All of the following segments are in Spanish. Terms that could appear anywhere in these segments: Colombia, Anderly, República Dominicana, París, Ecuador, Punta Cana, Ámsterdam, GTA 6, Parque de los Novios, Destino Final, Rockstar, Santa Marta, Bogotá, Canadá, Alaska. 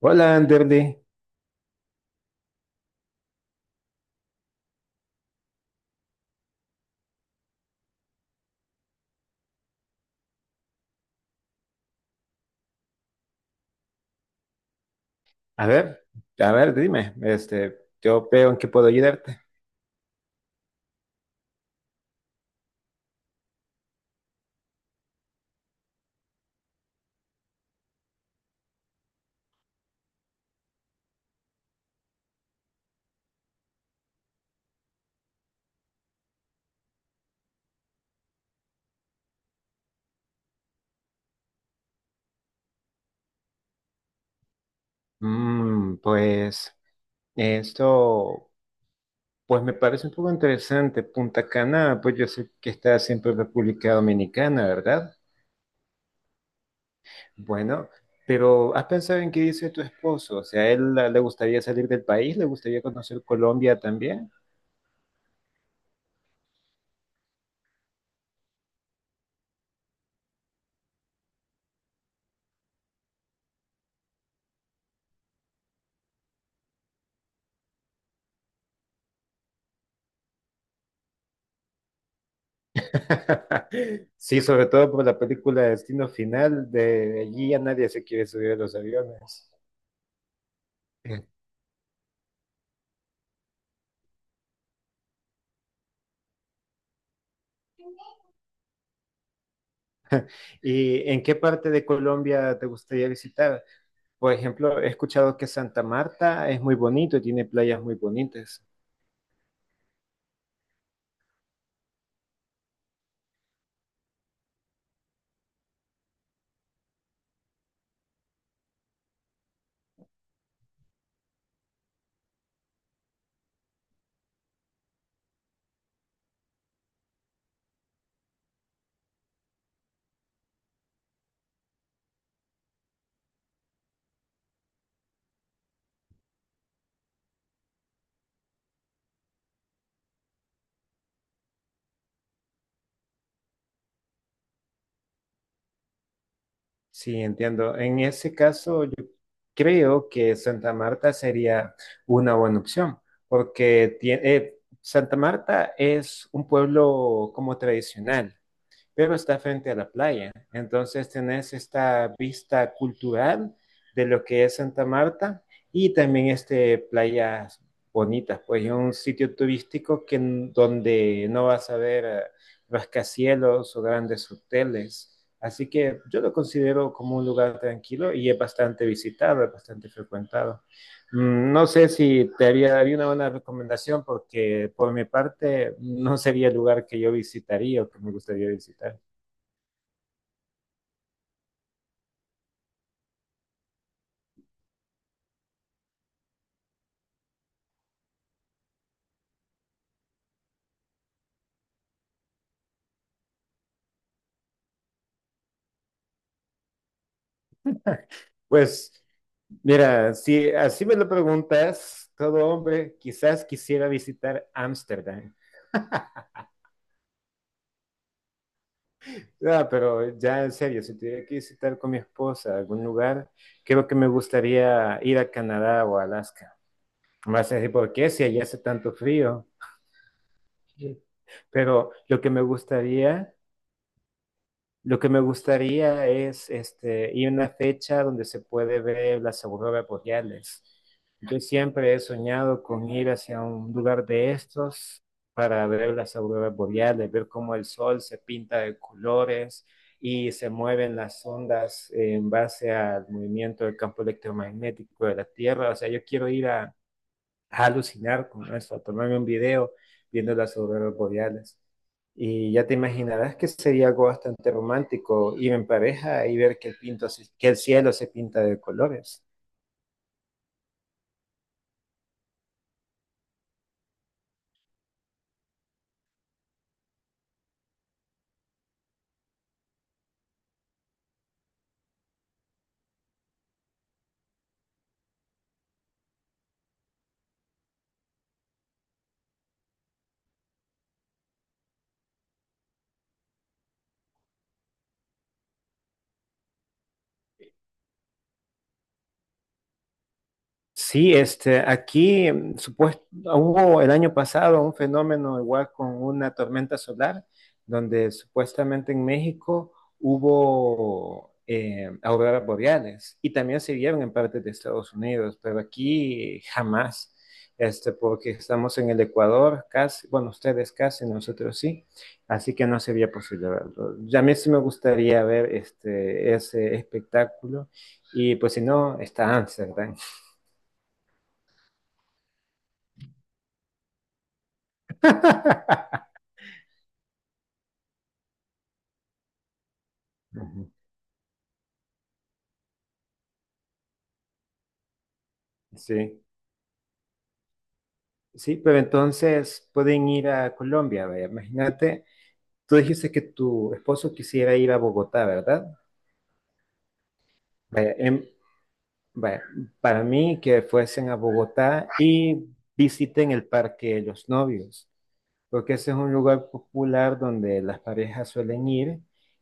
Hola, Anderly. A ver, a ver, dime, este, yo veo en qué puedo ayudarte. Pues esto, pues me parece un poco interesante. Punta Cana, pues yo sé que está siempre en República Dominicana, ¿verdad? Bueno, pero ¿has pensado en qué dice tu esposo? O sea, ¿a él le gustaría salir del país? ¿Le gustaría conocer Colombia también? Sí, sobre todo por la película Destino Final, de allí a nadie se quiere subir a los aviones. ¿Y en qué parte de Colombia te gustaría visitar? Por ejemplo, he escuchado que Santa Marta es muy bonito y tiene playas muy bonitas. Sí, entiendo. En ese caso, yo creo que Santa Marta sería una buena opción, porque Santa Marta es un pueblo como tradicional, pero está frente a la playa. Entonces tenés esta vista cultural de lo que es Santa Marta y también este playas bonitas, pues es un sitio turístico que, donde no vas a ver rascacielos o grandes hoteles. Así que yo lo considero como un lugar tranquilo y es bastante visitado, es bastante frecuentado. No sé si te haría una buena recomendación porque por mi parte no sería el lugar que yo visitaría o que me gustaría visitar. Pues mira, si así me lo preguntas, todo hombre quizás quisiera visitar Ámsterdam. Ah, pero ya en serio, si tuviera que visitar con mi esposa algún lugar, creo que me gustaría ir a Canadá o a Alaska. Más así, ¿por qué? Si allá hace tanto frío. Pero lo que me gustaría Lo que me gustaría es este, ir a una fecha donde se puede ver las auroras boreales. Yo siempre he soñado con ir hacia un lugar de estos para ver las auroras boreales, ver cómo el sol se pinta de colores y se mueven las ondas en base al movimiento del campo electromagnético de la Tierra. O sea, yo quiero ir a alucinar con eso, a tomarme un video viendo las auroras boreales. Y ya te imaginarás que sería algo bastante romántico ir en pareja y ver que que el cielo se pinta de colores. Sí, este, aquí supuesto, hubo el año pasado un fenómeno igual con una tormenta solar, donde supuestamente en México hubo auroras boreales y también se vieron en partes de Estados Unidos, pero aquí jamás, este, porque estamos en el Ecuador, casi, bueno, ustedes casi, nosotros sí, así que no sería posible verlo. Ya a mí sí me gustaría ver este, ese espectáculo y pues si no, está Amsterdam. Ujú. Sí, sí, pero entonces pueden ir a Colombia, vaya, imagínate, tú dijiste que tu esposo quisiera ir a Bogotá, ¿verdad? Vaya, vaya, para mí que fuesen a Bogotá y visiten el Parque de los Novios, porque ese es un lugar popular donde las parejas suelen ir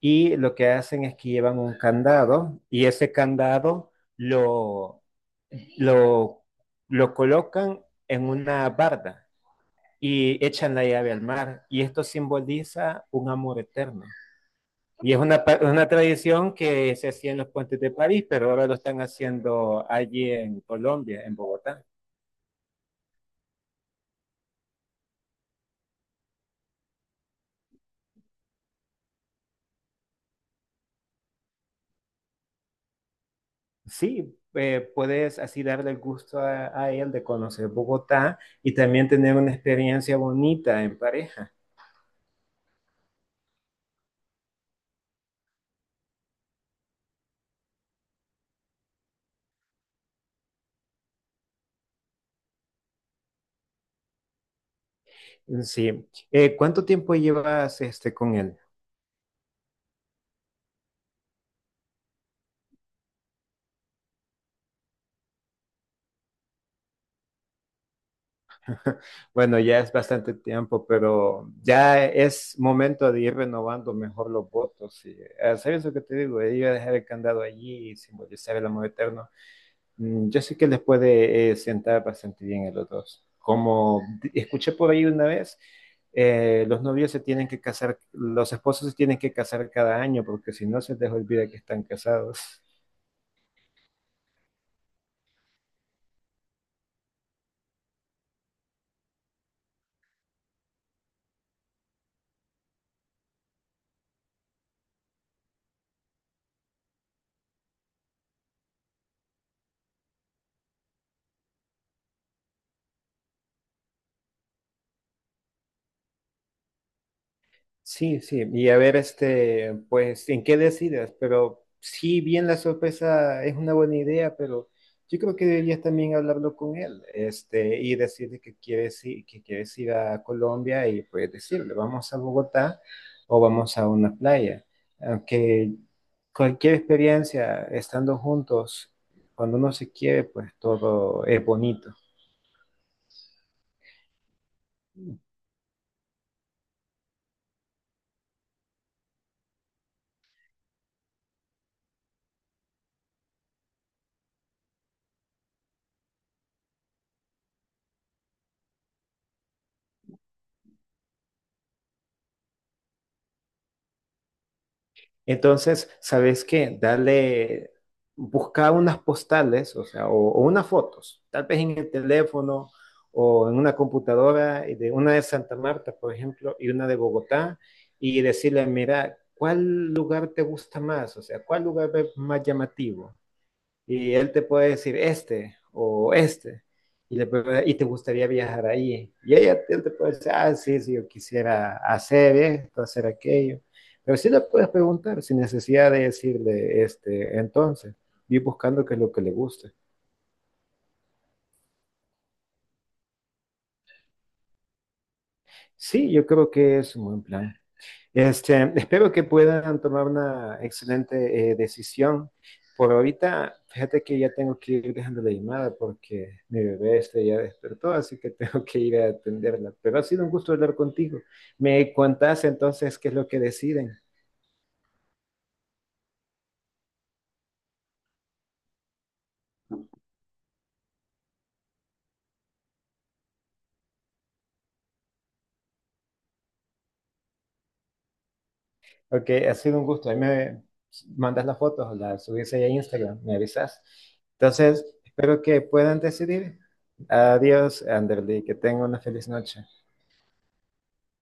y lo que hacen es que llevan un candado y ese candado lo, lo colocan en una barda y echan la llave al mar. Y esto simboliza un amor eterno. Y es una tradición que se hacía en los puentes de París, pero ahora lo están haciendo allí en Colombia, en Bogotá. Sí, puedes así darle el gusto a él de conocer Bogotá y también tener una experiencia bonita en pareja. Sí. ¿Cuánto tiempo llevas este, con él? Bueno, ya es bastante tiempo, pero ya es momento de ir renovando mejor los votos. Y ah, ¿sabes lo que te digo? Ir a dejar el candado allí y simbolizar el amor eterno. Yo sé que les puede sentar bastante bien a los dos. Como escuché por ahí una vez, los novios se tienen que casar, los esposos se tienen que casar cada año, porque si no se les olvida que están casados. Sí, sí, y a ver, este, pues, ¿en qué decidas? Pero sí, bien la sorpresa es una buena idea, pero yo creo que deberías también hablarlo con él, este, y decirle que quieres ir a Colombia y pues decirle, vamos a Bogotá o vamos a una playa. Aunque cualquier experiencia estando juntos, cuando uno se quiere, pues todo es bonito. Mm. Entonces, ¿sabes qué? Dale, busca unas postales, o sea, o unas fotos, tal vez en el teléfono o en una computadora, y de una de Santa Marta, por ejemplo, y una de Bogotá, y decirle, mira, ¿cuál lugar te gusta más? O sea, ¿cuál lugar es más llamativo? Y él te puede decir este o este. Y, y te gustaría viajar ahí. Y ella, él te puede decir, ah, sí, sí, yo quisiera hacer esto, hacer aquello. Pero sí le puedes preguntar sin necesidad de decirle, este, entonces, ir buscando qué es lo que le gusta. Sí, yo creo que es un buen plan. Este, espero que puedan tomar una excelente decisión. Por ahorita, fíjate que ya tengo que ir dejando la llamada porque mi bebé este ya despertó, así que tengo que ir a atenderla. Pero ha sido un gusto hablar contigo. Me contás entonces qué es lo que deciden. Ok, ha sido un gusto. Ahí me mandas las fotos, las subís ahí a Instagram, me avisas. Entonces, espero que puedan decidir. Adiós, Anderly, que tenga una feliz noche.